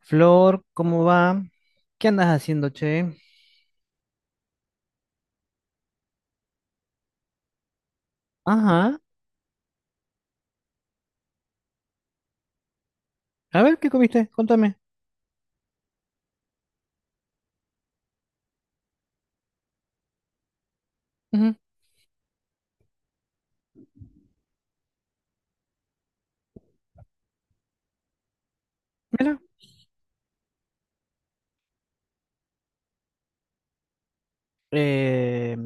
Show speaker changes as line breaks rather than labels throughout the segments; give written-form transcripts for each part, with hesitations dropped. Flor, ¿cómo va? ¿Qué andas haciendo, che? Ajá. A ver, ¿qué comiste? Contame. Ujú. Mira. Eh,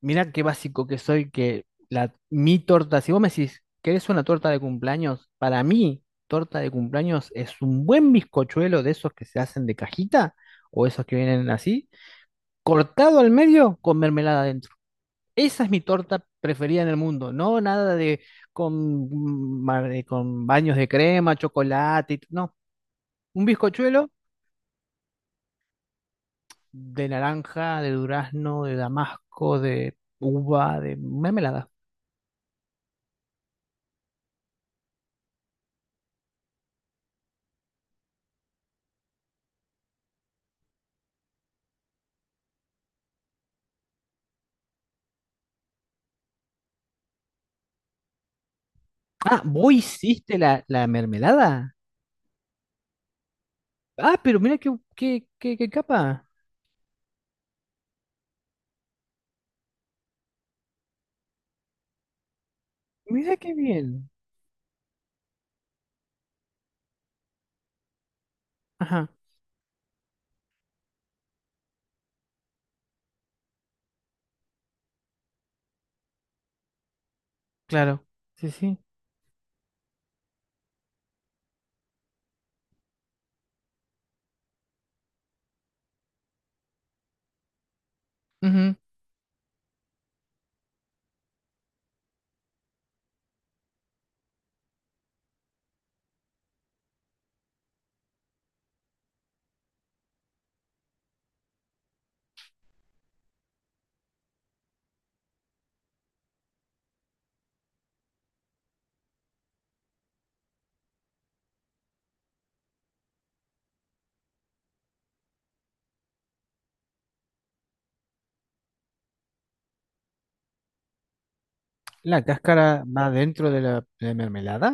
Mira qué básico que soy, que mi torta, si vos me decís, ¿querés una torta de cumpleaños? Para mí, torta de cumpleaños es un buen bizcochuelo de esos que se hacen de cajita o esos que vienen así, cortado al medio con mermelada adentro. Esa es mi torta preferida en el mundo, no nada de con, con baños de crema, chocolate, no. Un bizcochuelo de naranja, de durazno, de damasco, de uva, de mermelada. Ah, vos hiciste la mermelada. Ah, pero mira qué capa. Mira qué bien. Ajá, claro. Sí, sí. Ujú. La cáscara va dentro de la mermelada.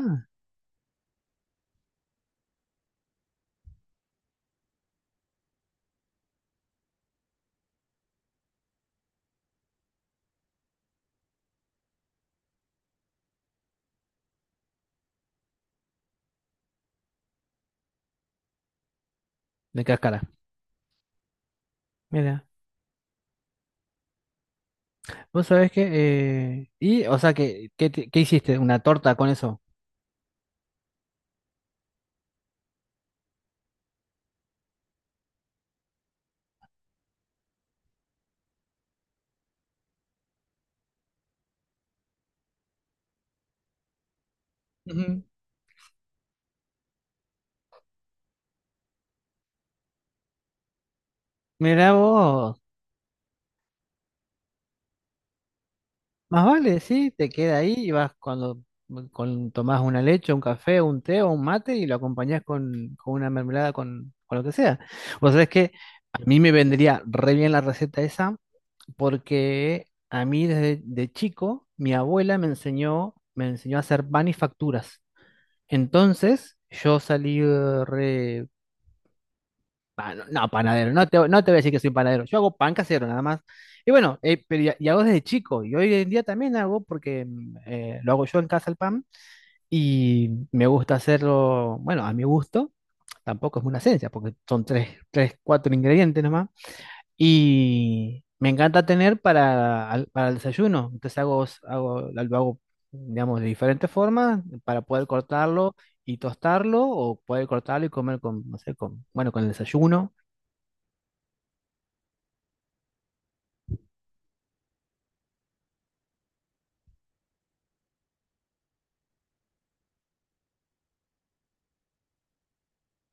De cáscara. Mira. Vos sabés que... Y, o sea, ¿qué, qué hiciste? ¿Una torta con eso? Ujú. Mira vos. Más vale, sí, te queda ahí y vas cuando tomás una leche, un café, un té o un mate y lo acompañás con, con una mermelada, con lo que sea. Vos sabés que a mí me vendría re bien la receta esa porque a mí desde de chico mi abuela me enseñó a hacer pan y facturas. Entonces yo salí re. No, no, panadero, no te voy a decir que soy panadero, yo hago pan casero nada más. Y bueno, pero ya, y hago desde chico y hoy en día también hago porque lo hago yo en casa el pan, y me gusta hacerlo, bueno, a mi gusto, tampoco es una ciencia porque son tres, cuatro ingredientes nomás, y me encanta tener para, para el desayuno. Entonces lo hago, digamos, de diferentes formas para poder cortarlo y tostarlo, o poder cortarlo y comer con, no sé, con, bueno, con el desayuno.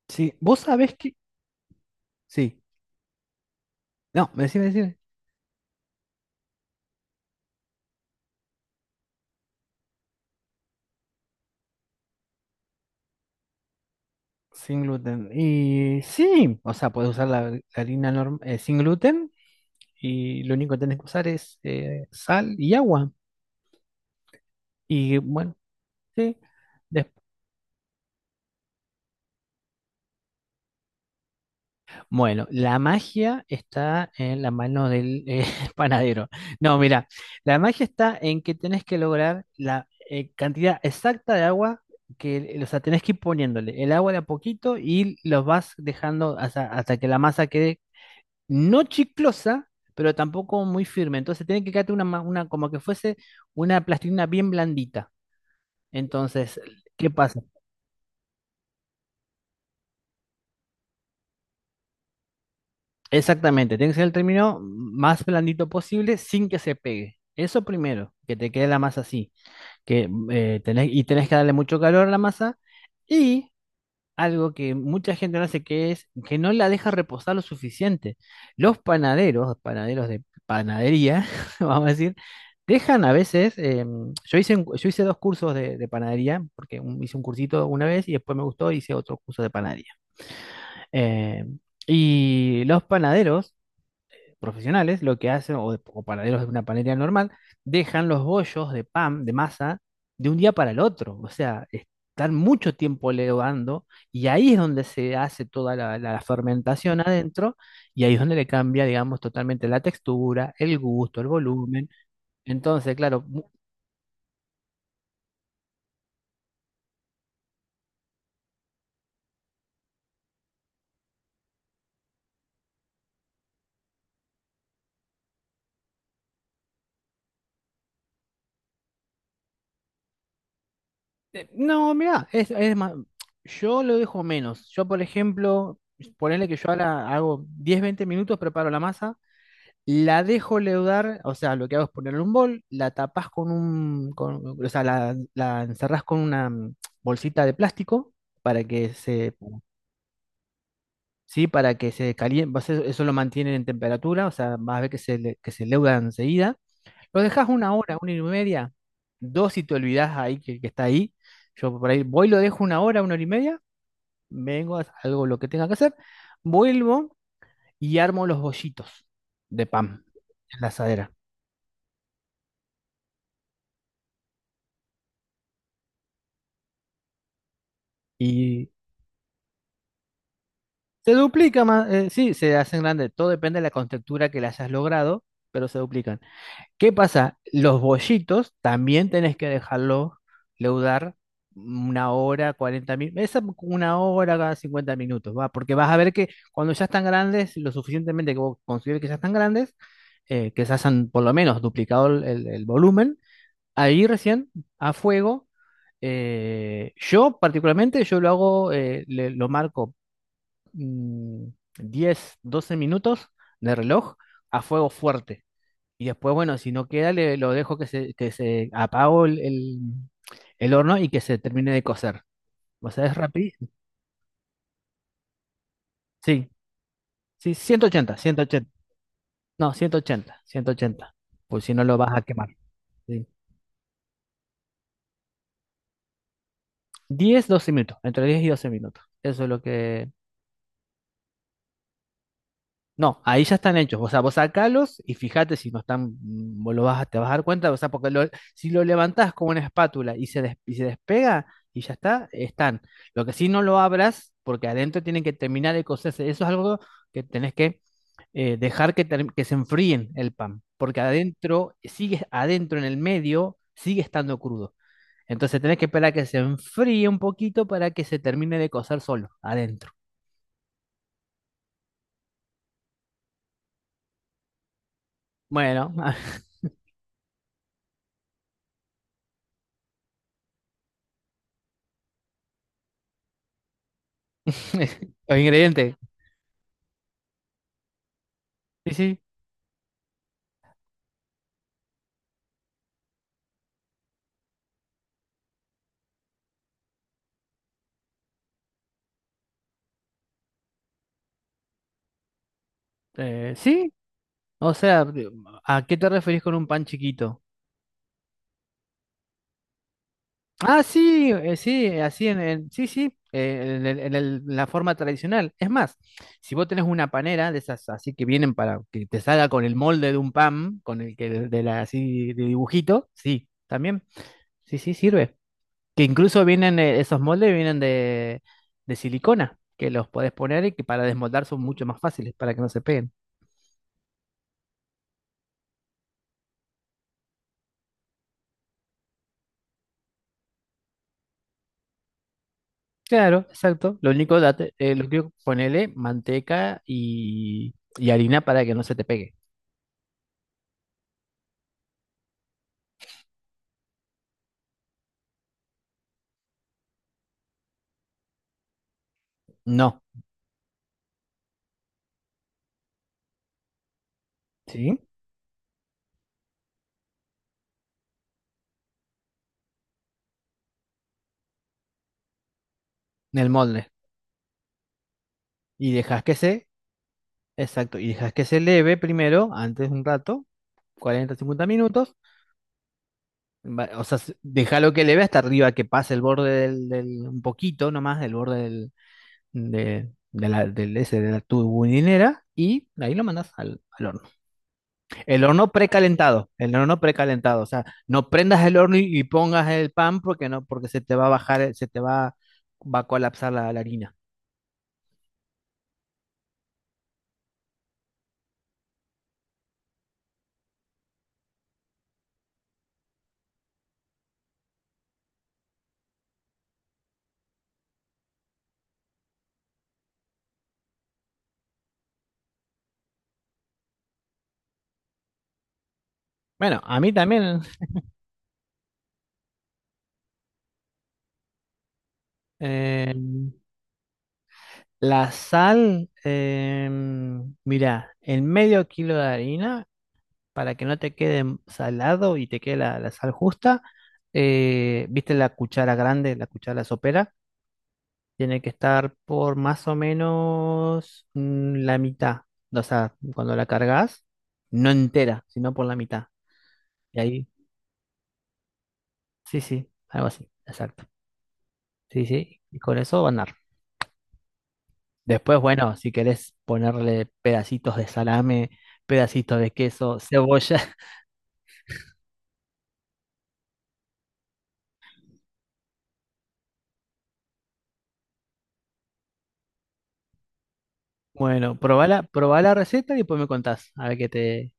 Sí, vos sabés que... Sí, no, decime. Sin gluten. Y sí, o sea, puedes usar la harina sin gluten, y lo único que tenés que usar es sal y agua. Y bueno, sí. Des- Bueno, la magia está en la mano del panadero. No, mira, la magia está en que tenés que lograr la cantidad exacta de agua. Que, o sea, tenés que ir poniéndole el agua de a poquito y los vas dejando hasta que la masa quede no chiclosa, pero tampoco muy firme. Entonces tiene que quedarte una como que fuese una plastilina bien blandita. Entonces, ¿qué pasa? Exactamente, tiene que ser el término más blandito posible sin que se pegue. Eso primero, que te quede la masa así, que y tenés que darle mucho calor a la masa. Y algo que mucha gente no hace, que es que no la deja reposar lo suficiente. Los panaderos, panaderos de panadería, vamos a decir, dejan a veces, yo hice, yo hice dos cursos de panadería, porque hice un cursito una vez y después me gustó, hice otro curso de panadería. Eh, y los panaderos profesionales lo que hacen, o panaderos de una panadería normal, dejan los bollos de pan, de masa, de un día para el otro. O sea, están mucho tiempo levando, y ahí es donde se hace toda la fermentación adentro, y ahí es donde le cambia, digamos, totalmente la textura, el gusto, el volumen. Entonces, claro, no, mira, es más, yo lo dejo menos. Yo, por ejemplo, ponele que yo ahora hago 10, 20 minutos, preparo la masa. La dejo leudar, o sea, lo que hago es ponerle un bol, la tapás con un, o sea, la encerrás con una bolsita de plástico para que se, sí, para que se caliente, pues, e, eso, lo mantienen en temperatura. O sea, vas a ver que que se leuda enseguida. Lo dejas una hora, una y media, dos si te olvidás ahí que está ahí. Yo por ahí voy, lo dejo una hora y media, vengo, hago lo que tenga que hacer, vuelvo y armo los bollitos de pan en la asadera. Y Se duplica más, sí, se hacen grandes, todo depende de la contextura que le hayas logrado, pero se duplican. ¿Qué pasa? Los bollitos también tenés que dejarlos leudar una hora, 40 minutos, esa una hora cada 50 minutos, va, porque vas a ver que cuando ya están grandes, lo suficientemente que vos consideres que ya están grandes, que se hayan por lo menos duplicado el volumen, ahí recién a fuego. Yo particularmente, yo lo hago, lo marco mm, 10, 12 minutos de reloj a fuego fuerte. Y después, bueno, si no queda, lo dejo que se apago el horno y que se termine de cocer. O sea, es rápido. Sí, sí, 180, 180. No, 180, 180. Pues si no lo vas a quemar. Sí. 10, 12 minutos, entre 10 y 12 minutos. Eso es lo que... No, ahí ya están hechos. O sea, vos sacalos y fíjate si no están, vos lo te vas a dar cuenta. O sea, porque si lo levantás con una espátula y se despega y ya está, están. Lo que sí, no lo abras, porque adentro tienen que terminar de cocerse. Eso es algo que tenés que dejar, que se enfríen el pan, porque adentro, sigue adentro en el medio, sigue estando crudo. Entonces tenés que esperar que se enfríe un poquito para que se termine de cocer solo, adentro. Bueno, los ingredientes. Sí, sí. Sí, o sea, ¿a qué te referís con un pan chiquito? Ah, sí, sí, así sí, sí, la forma tradicional. Es más, si vos tenés una panera de esas así que vienen para que te salga con el molde de un pan, con el que de la así de dibujito, sí, también, sí, sí, sirve. Que incluso vienen, esos moldes vienen de silicona, que los podés poner y que para desmoldar son mucho más fáciles, para que no se peguen. Claro, exacto. Lo único, date, lo que ponele manteca y harina para que no se te pegue. No, ¿sí? En el molde. Y dejas que se... Exacto, y dejas que se leve primero, antes un rato, 40-50 minutos. O sea, déjalo que leve hasta arriba, que pase el borde del, un poquito nomás, del borde del, de la, del, ese, de la tubulinera, y ahí lo mandas al horno. El horno precalentado, el horno precalentado. O sea, no prendas el horno y pongas el pan, porque no, porque se te va a bajar, se te va a colapsar la harina. Bueno, a mí también, eh, la sal, mira, en medio kilo de harina, para que no te quede salado y te quede la sal justa, ¿viste la cuchara grande, la cuchara sopera? Tiene que estar por más o menos la mitad. O sea, cuando la cargas, no entera, sino por la mitad. Y ahí, sí, sí, algo así, exacto. Sí, sí, y con eso va a andar. Después, bueno, si querés ponerle pedacitos de salame, pedacitos de queso, cebolla. Bueno, probá la receta y después me contás, a ver qué te.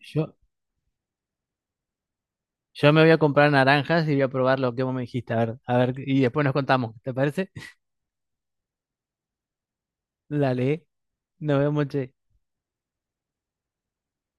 Yo, yo me voy a comprar naranjas y voy a probar lo que vos me dijiste. A ver, y después nos contamos. ¿Te parece? Dale, nos vemos, che.